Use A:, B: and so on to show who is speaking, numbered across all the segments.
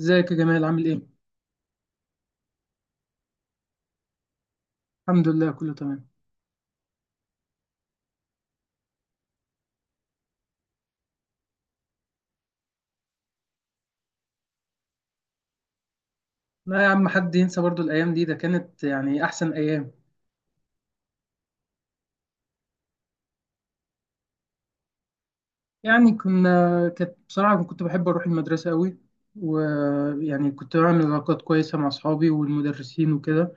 A: ازيك يا جمال؟ عامل ايه؟ الحمد لله كله تمام. لا يا عم، حد ينسى برضو الايام دي؟ ده كانت يعني احسن ايام. يعني كانت بصراحة كنت بحب اروح المدرسة قوي، ويعني كنت بعمل علاقات كويسة مع اصحابي والمدرسين وكده.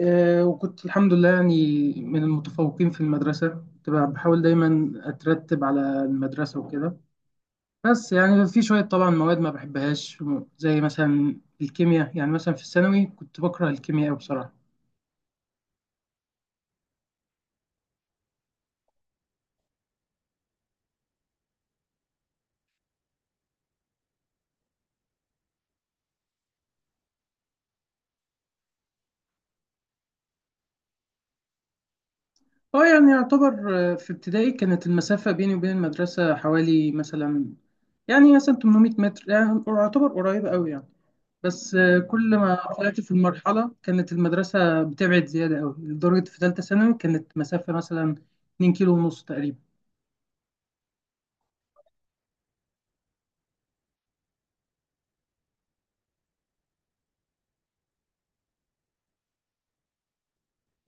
A: وكنت الحمد لله يعني من المتفوقين في المدرسة، كنت بحاول دايما اترتب على المدرسة وكده. بس يعني في شوية طبعا مواد ما بحبهاش، زي مثلا الكيمياء. يعني مثلا في الثانوي كنت بكره الكيمياء قوي بصراحة. اه يعني يعتبر. في ابتدائي كانت المسافة بيني وبين المدرسة حوالي مثلا، يعني مثلا 800 متر، يعني يعتبر قريبة أوي يعني. بس كل ما طلعت في المرحلة كانت المدرسة بتبعد زيادة أوي، لدرجة في تالتة ثانوي كانت مسافة مثلا 2 كيلو ونص تقريبا.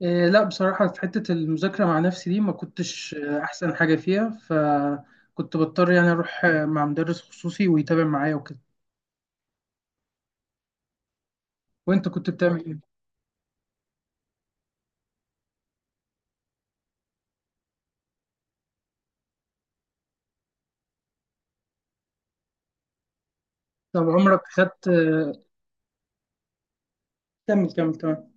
A: لا بصراحة، في حتة المذاكرة مع نفسي دي ما كنتش أحسن حاجة فيها، فكنت بضطر يعني أروح مع مدرس خصوصي ويتابع معايا وكده. وأنت كنت بتعمل إيه؟ طب عمرك خدت كمل كمل تمام.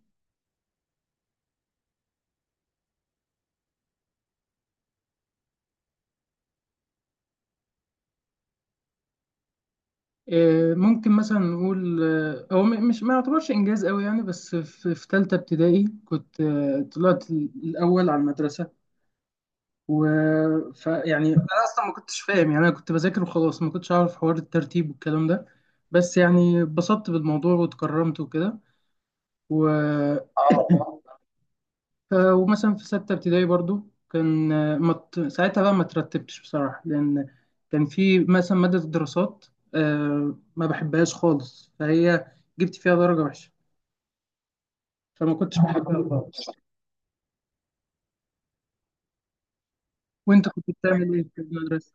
A: ممكن مثلا نقول هو مش ما يعتبرش انجاز قوي يعني، بس في ثالثه ابتدائي كنت طلعت الاول على المدرسه. و ف يعني انا اصلا ما كنتش فاهم، يعني انا كنت بذاكر وخلاص، ما كنتش اعرف حوار الترتيب والكلام ده. بس يعني اتبسطت بالموضوع واتكرمت وكده. و ومثلا في ستة ابتدائي برضو كان ما ت- ساعتها بقى ما ترتبتش بصراحة، لأن كان في مثلا مادة الدراسات، ما بحبهاش خالص، فهي جبت فيها درجة وحشة، فما كنتش بحبها خالص. وأنت كنت بتعمل إيه في المدرسة؟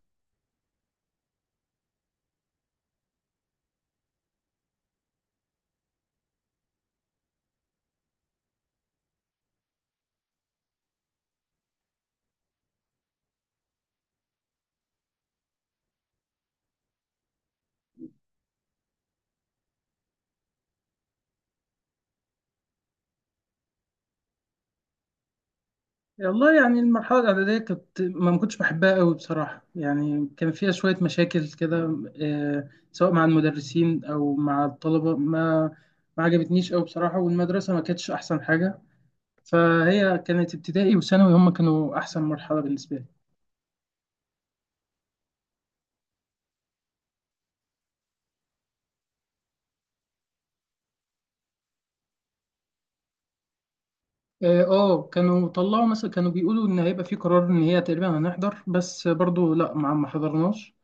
A: والله يعني المرحلة الإعدادية كنت ما كنتش بحبها قوي بصراحة، يعني كان فيها شوية مشاكل كده، سواء مع المدرسين أو مع الطلبة، ما عجبتنيش قوي بصراحة، والمدرسة ما كانتش أحسن حاجة. فهي كانت ابتدائي وثانوي هم كانوا احسن مرحله بالنسبه لي. اه، كانوا طلعوا، مثلا كانوا بيقولوا ان هيبقى في قرار ان هي تقريبا هنحضر، بس برضو لا ما حضرناش.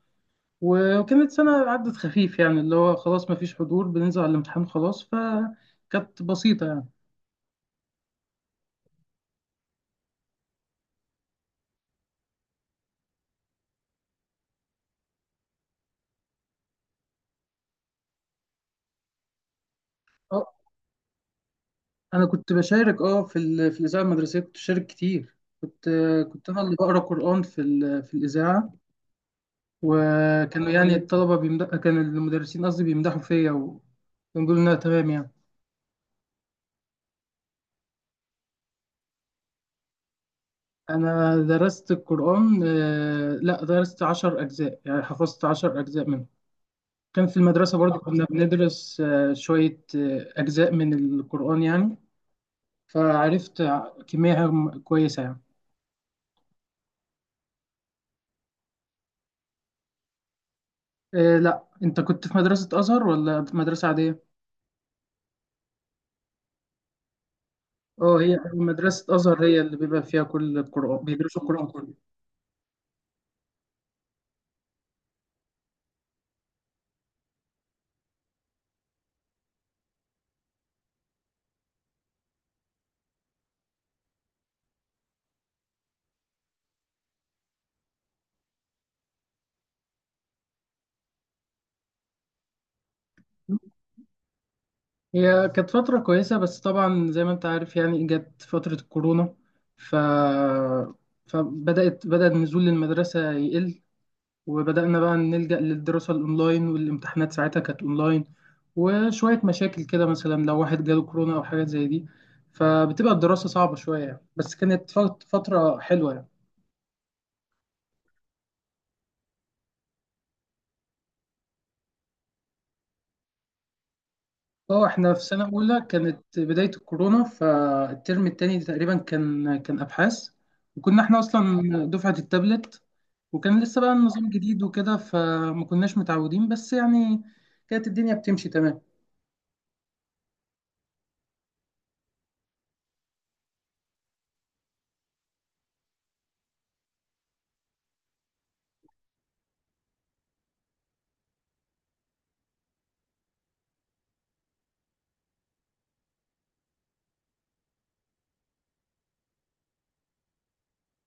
A: وكانت سنه عدت خفيف، يعني اللي هو خلاص ما فيش حضور، بننزل على الامتحان خلاص، فكانت بسيطه يعني. اه، انا كنت بشارك اه في في الاذاعه المدرسيه، كنت بشارك كتير، كنت انا اللي بقرا قران في في الاذاعه، وكانوا يعني الطلبه بيمدح كان المدرسين قصدي بيمدحوا فيا ونقول انها تمام يعني. أنا درست القرآن، لا درست 10 أجزاء، يعني حفظت 10 أجزاء منه. كان في المدرسة برضو كنا بندرس شوية أجزاء من القرآن يعني. فعرفت كمية كويسة يعني. لا أنت كنت في مدرسة أزهر ولا في مدرسة عادية؟ أه، هي مدرسة أزهر هي اللي بيبقى فيها كل القرآن، بيدرسوا القرآن كله. هي كانت فترة كويسة، بس طبعا زي ما انت عارف يعني جت فترة الكورونا، ف... فبدأت بدأ النزول للمدرسة يقل، وبدأنا بقى نلجأ للدراسة الأونلاين، والامتحانات ساعتها كانت أونلاين. وشوية مشاكل كده، مثلا لو واحد جاله كورونا أو حاجات زي دي، فبتبقى الدراسة صعبة شوية يعني، بس كانت فترة حلوة يعني. اه، احنا في سنة أولى كانت بداية الكورونا، فالترم التاني تقريبا كان أبحاث. وكنا احنا أصلا دفعة التابلت، وكان لسه بقى النظام جديد وكده فما كناش متعودين، بس يعني كانت الدنيا بتمشي تمام.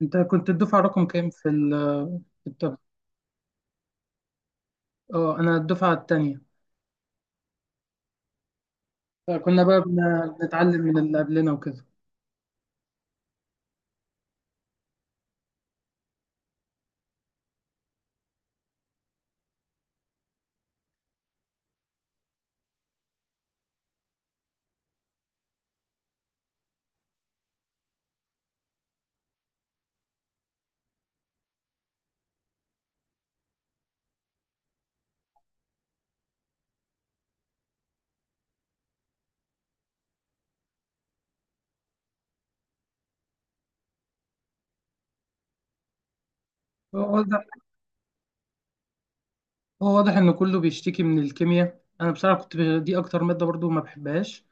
A: انت كنت الدفعة رقم كام في في التابلت؟ اه انا الدفعه التانية. فكنا بقى بنتعلم من اللي قبلنا وكده. هو واضح، هو واضح ان كله بيشتكي من الكيمياء. انا بصراحه كنت دي اكتر ماده برضو ما بحبهاش،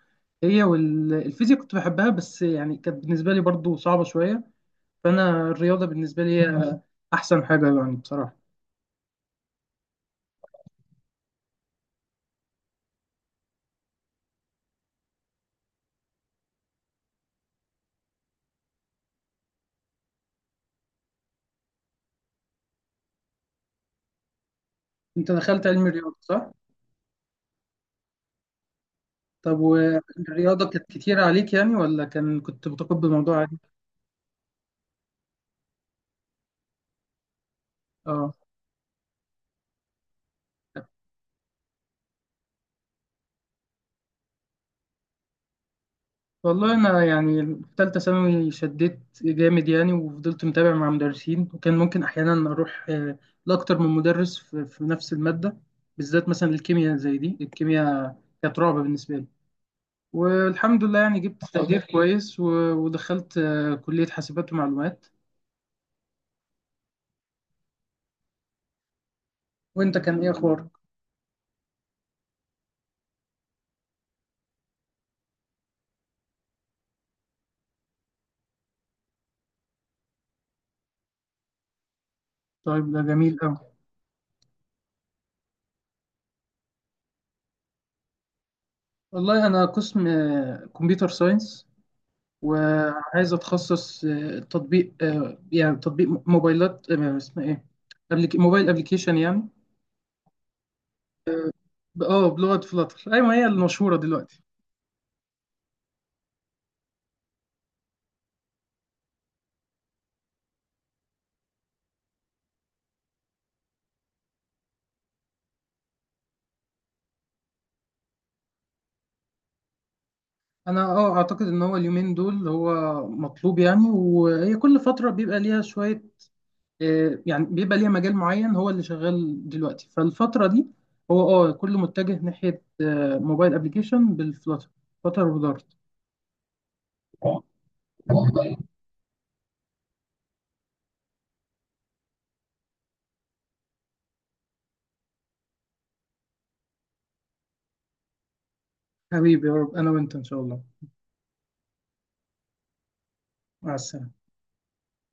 A: هي والفيزياء كنت بحبها، بس يعني كانت بالنسبه لي برضو صعبه شويه. فانا الرياضه بالنسبه لي هي احسن حاجه يعني بصراحه. انت دخلت علم الرياضه صح؟ طب والرياضه كانت كتير عليك يعني، ولا كنت متقبل الموضوع عادي؟ اه. والله انا يعني في ثالثه ثانوي شديت جامد يعني، وفضلت متابع مع مدرسين، وكان ممكن احيانا اروح لاكتر من مدرس في نفس الماده، بالذات مثلا الكيمياء. زي دي الكيمياء كانت رعب بالنسبه لي. والحمد لله يعني جبت تقدير كويس، ودخلت كليه حاسبات ومعلومات. وانت كان ايه اخبارك؟ طيب، ده جميل قوي. والله انا قسم كمبيوتر ساينس، وعايز اتخصص تطبيق يعني تطبيق موبايلات، اسمها ايه، موبايل ابلكيشن يعني. اه بلغة فلاتر، ايوه هي المشهورة دلوقتي. انا اه اعتقد ان هو اليومين دول هو مطلوب يعني، وهي كل فترة بيبقى ليها شوية، يعني بيبقى ليها مجال معين هو اللي شغال دلوقتي فالفترة دي. هو اه كله متجه ناحية موبايل ابلكيشن بالفلاتر، فلاتر ودارت. حبيبي يا رب انا وانت ان شاء الله. مع السلامة.